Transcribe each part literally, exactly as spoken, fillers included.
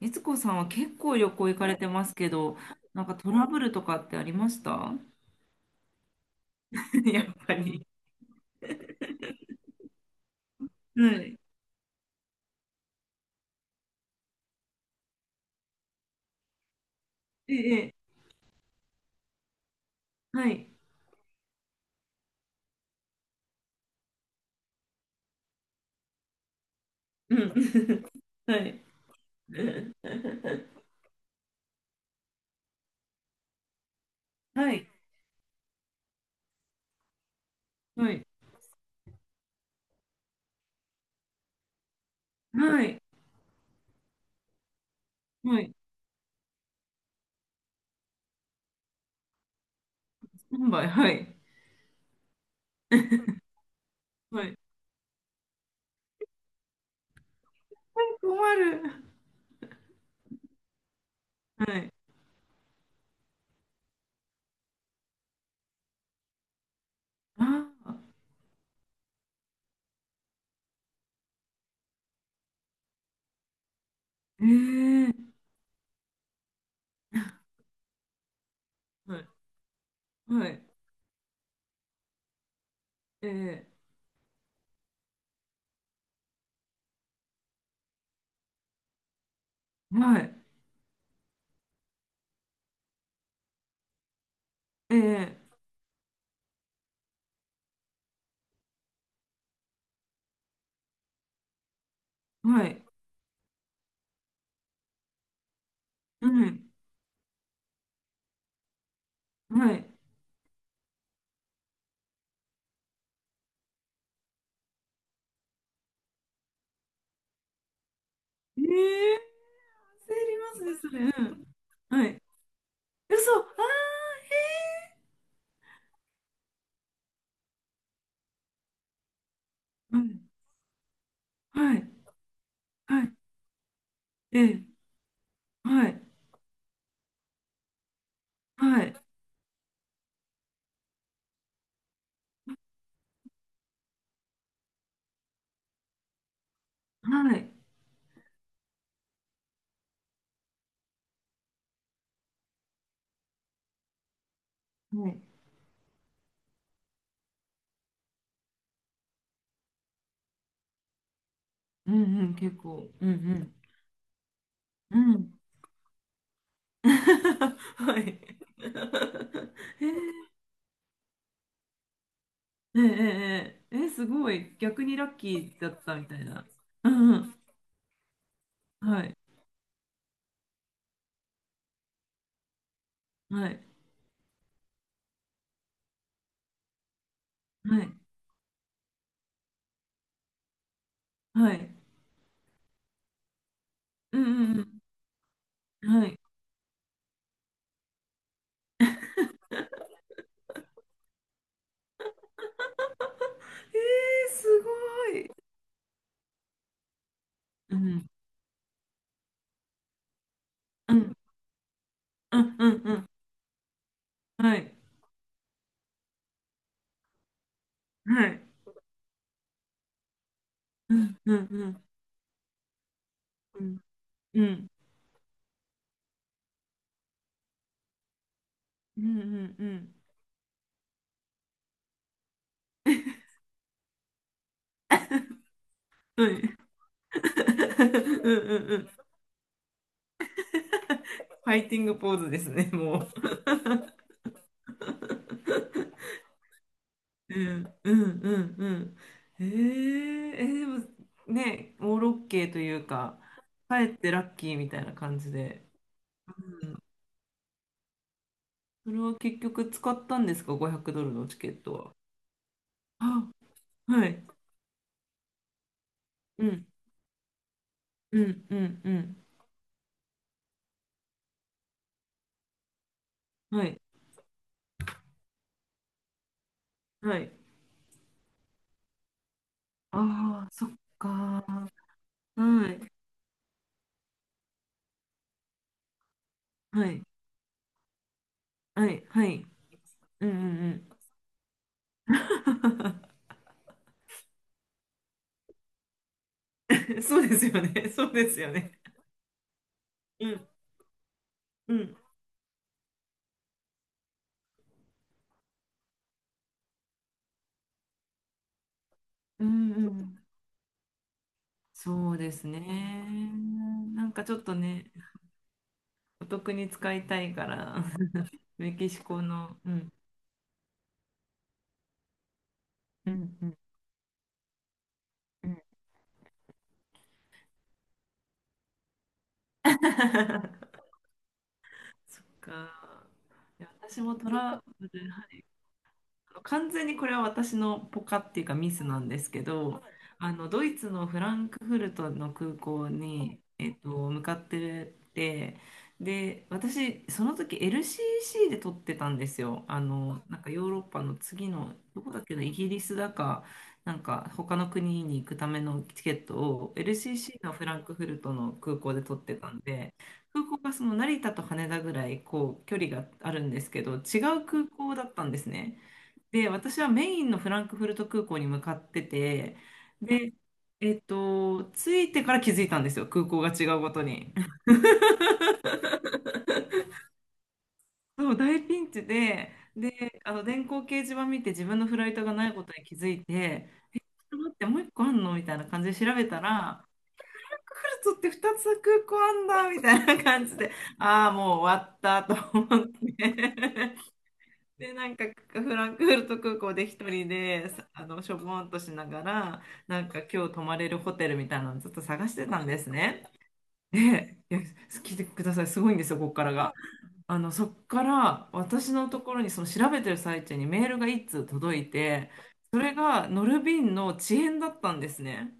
いつこさんは結構旅行行かれてますけど、なんかトラブルとかってありました？ やっぱり。はい。ええ、ええはい。うん。はい。はい。はい。はい。はい。スタンバイ。はい。はい。困る。はい。ああ。ええ。はい。はい。ええ。はい。ええ。はい。うん。はい。ええ。焦りますね、それ。うん。はい。嘘。ああ。へえ。はい、はい、はい、ええ、はい、はい、はい、はい、うんうん、結構、うんうん、うん。はい。ええ、ええ、ええ、ええすごい、逆にラッキーだったみたいな。うんうん、はい、はい、はい、はい、うんうんうん、はい。ええ、すごい。うん、うん、うん、うん、うん、はい、はい、うん、うん、うん、うん、うん、うん、うん、うん、はい。うんうんうん。ファイティングポーズですね、もう。うんうんうんうん。えーえ、でもね、オーロッケーというか、帰ってラッキーみたいな感じで。うん、それは結局使ったんですか、ごひゃくドルのチケットは？あ、はい。うんうんうんうん。はい。はい。ああ、そっかー。はい。はい。はい。はい。うんうんうん。そうですよね。そうですよね。うんうん。うんうんそうですね。なんかちょっとね、お得に使いたいから、メキシコの、うん。うんうんうん。そっか。いや私もトラブル、完全にこれは私のポカっていうかミスなんですけど、あのドイツのフランクフルトの空港に、えっと、向かってて、で、私、その時 エルシーシー で撮ってたんですよ。あの、なんかヨーロッパの次の、どこだっけな、イギリスだか、なんか他の国に行くためのチケットを エルシーシー のフランクフルトの空港で撮ってたんで、空港がその成田と羽田ぐらいこう距離があるんですけど、違う空港だったんですね。で、私はメインのフランクフルト空港に向かってて、で、えっと、着いてから気づいたんですよ、空港が違うことに。そう、大ピンチで、で、あの電光掲示板見て自分のフライトがないことに気づいて、ちょっと待って、もう一個あんのみたいな感じで調べたら、クルツって二つ空港あんだみたいな感じで、ああ、もう終わったと思って。で、なんかフランクフルト空港で一人で、さあの、しょぼんとしながら、なんか今日泊まれるホテルみたいなのずっと探してたんですね。で、いや、聞いてください。すごいんですよ、ここからが。あの、そっから私のところに、その調べてる最中にメールが一通届いて、それが乗る便の遅延だったんですね。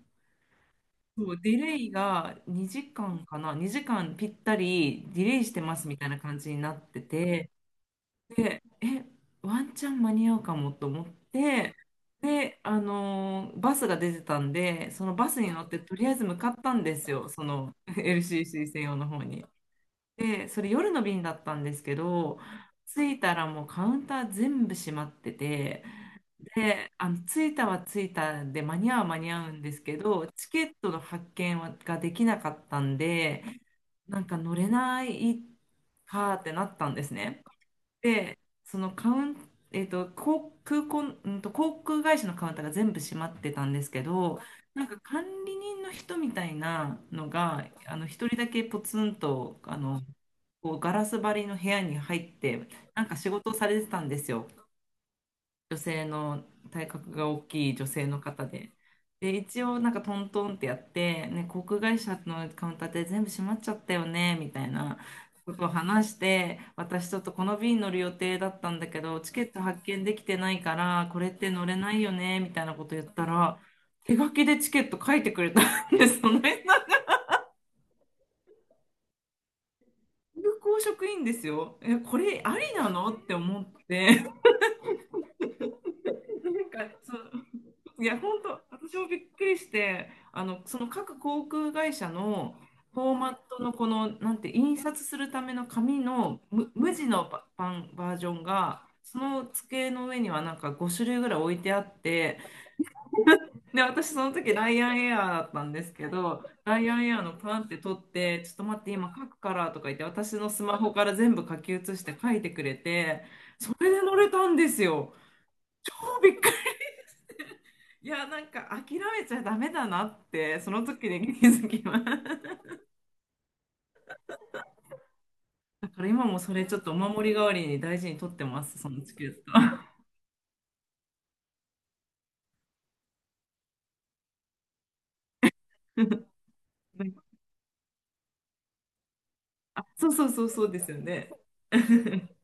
そう、ディレイがにじかんかな、にじかんぴったりディレイしてますみたいな感じになってて、で、え、ワンチャン間に合うかもと思って、で、あのーバスが出てたんで、そのバスに乗ってとりあえず向かったんですよ、その エルシーシー 専用の方に。で、それ夜の便だったんですけど、着いたらもうカウンター全部閉まってて、で、あの着いたは着いたで間に合うは間に合うんですけど、チケットの発券はができなかったんで、なんか乗れないかってなったんですね。で、そのカウン、えっと、航空、空港、うんと、航空会社のカウンターが全部閉まってたんですけど、なんか管理人の人みたいなのが、あの、一人だけポツンと、あの、こうガラス張りの部屋に入って、なんか仕事をされてたんですよ。女性の体格が大きい女性の方で。で、一応なんかトントンってやって、ね、航空会社のカウンターで全部閉まっちゃったよね、みたいなことを話して、私ちょっとこの便乗る予定だったんだけど、チケット発券できてないから、これって乗れないよね、みたいなこと言ったら、手書きでチケット書いてくれたんです、その辺が。空港職員ですよ。え、これありなのって思って、なんかそういや、本当、私もびっくりして、あの、その各航空会社のフォーマットのこの、なんて、印刷するための紙の無、無地のパ、パンバージョンが、その机の上にはなんかごしゅるい種類ぐらい置いてあって、で、私その時ライアンエアーだったんですけど、ライアンエアーのパンって取って、ちょっと待って今書くからとか言って、私のスマホから全部書き写して書いてくれて、それで乗れたんですよ。超びっくり。 いや、なんか諦めちゃダメだなって、その時で 気づきます。だから今もそれちょっとお守り代わりに大事に取ってます、そのチケット。あ、そうそうそうそうですよね。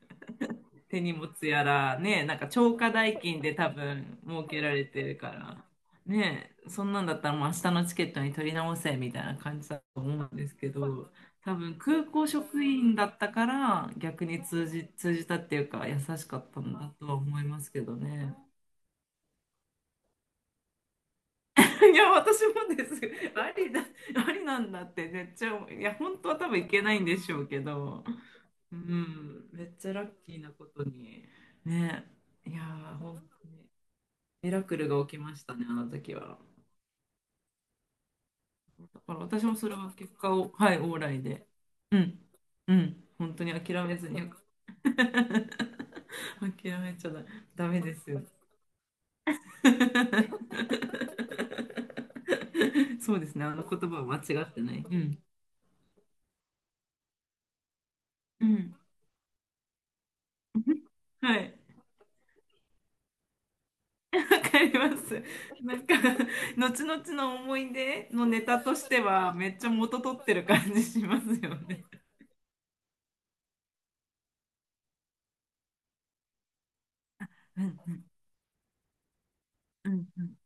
手荷物やら、ね、なんか超過代金で多分設けられてるから、ね、そんなんだったらもう明日のチケットに取り直せみたいな感じだと思うんですけど、多分空港職員だったから逆に通じ、通じたっていうか優しかったんだとは思いますけどね。いや、私もです。ありだ、ありなんだってめっちゃいや、本当は多分いけないんでしょうけど。うん、めっちゃラッキーなことに。ね。いやー、本当にミラクルが起きましたね、あの時は。だから私もそれは結果を、はい、オーライで。うん、うん、本当に諦めずによかった。諦めちゃだ、ダメですよ。そうですね、あの言葉は間違ってない。うん。うん。はい。わかります。なんか、後々の思い出のネタとしては、めっちゃ元取ってる感じしますよね。うんうんうんうん。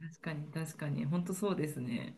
確かに、確かに、本当そうですね。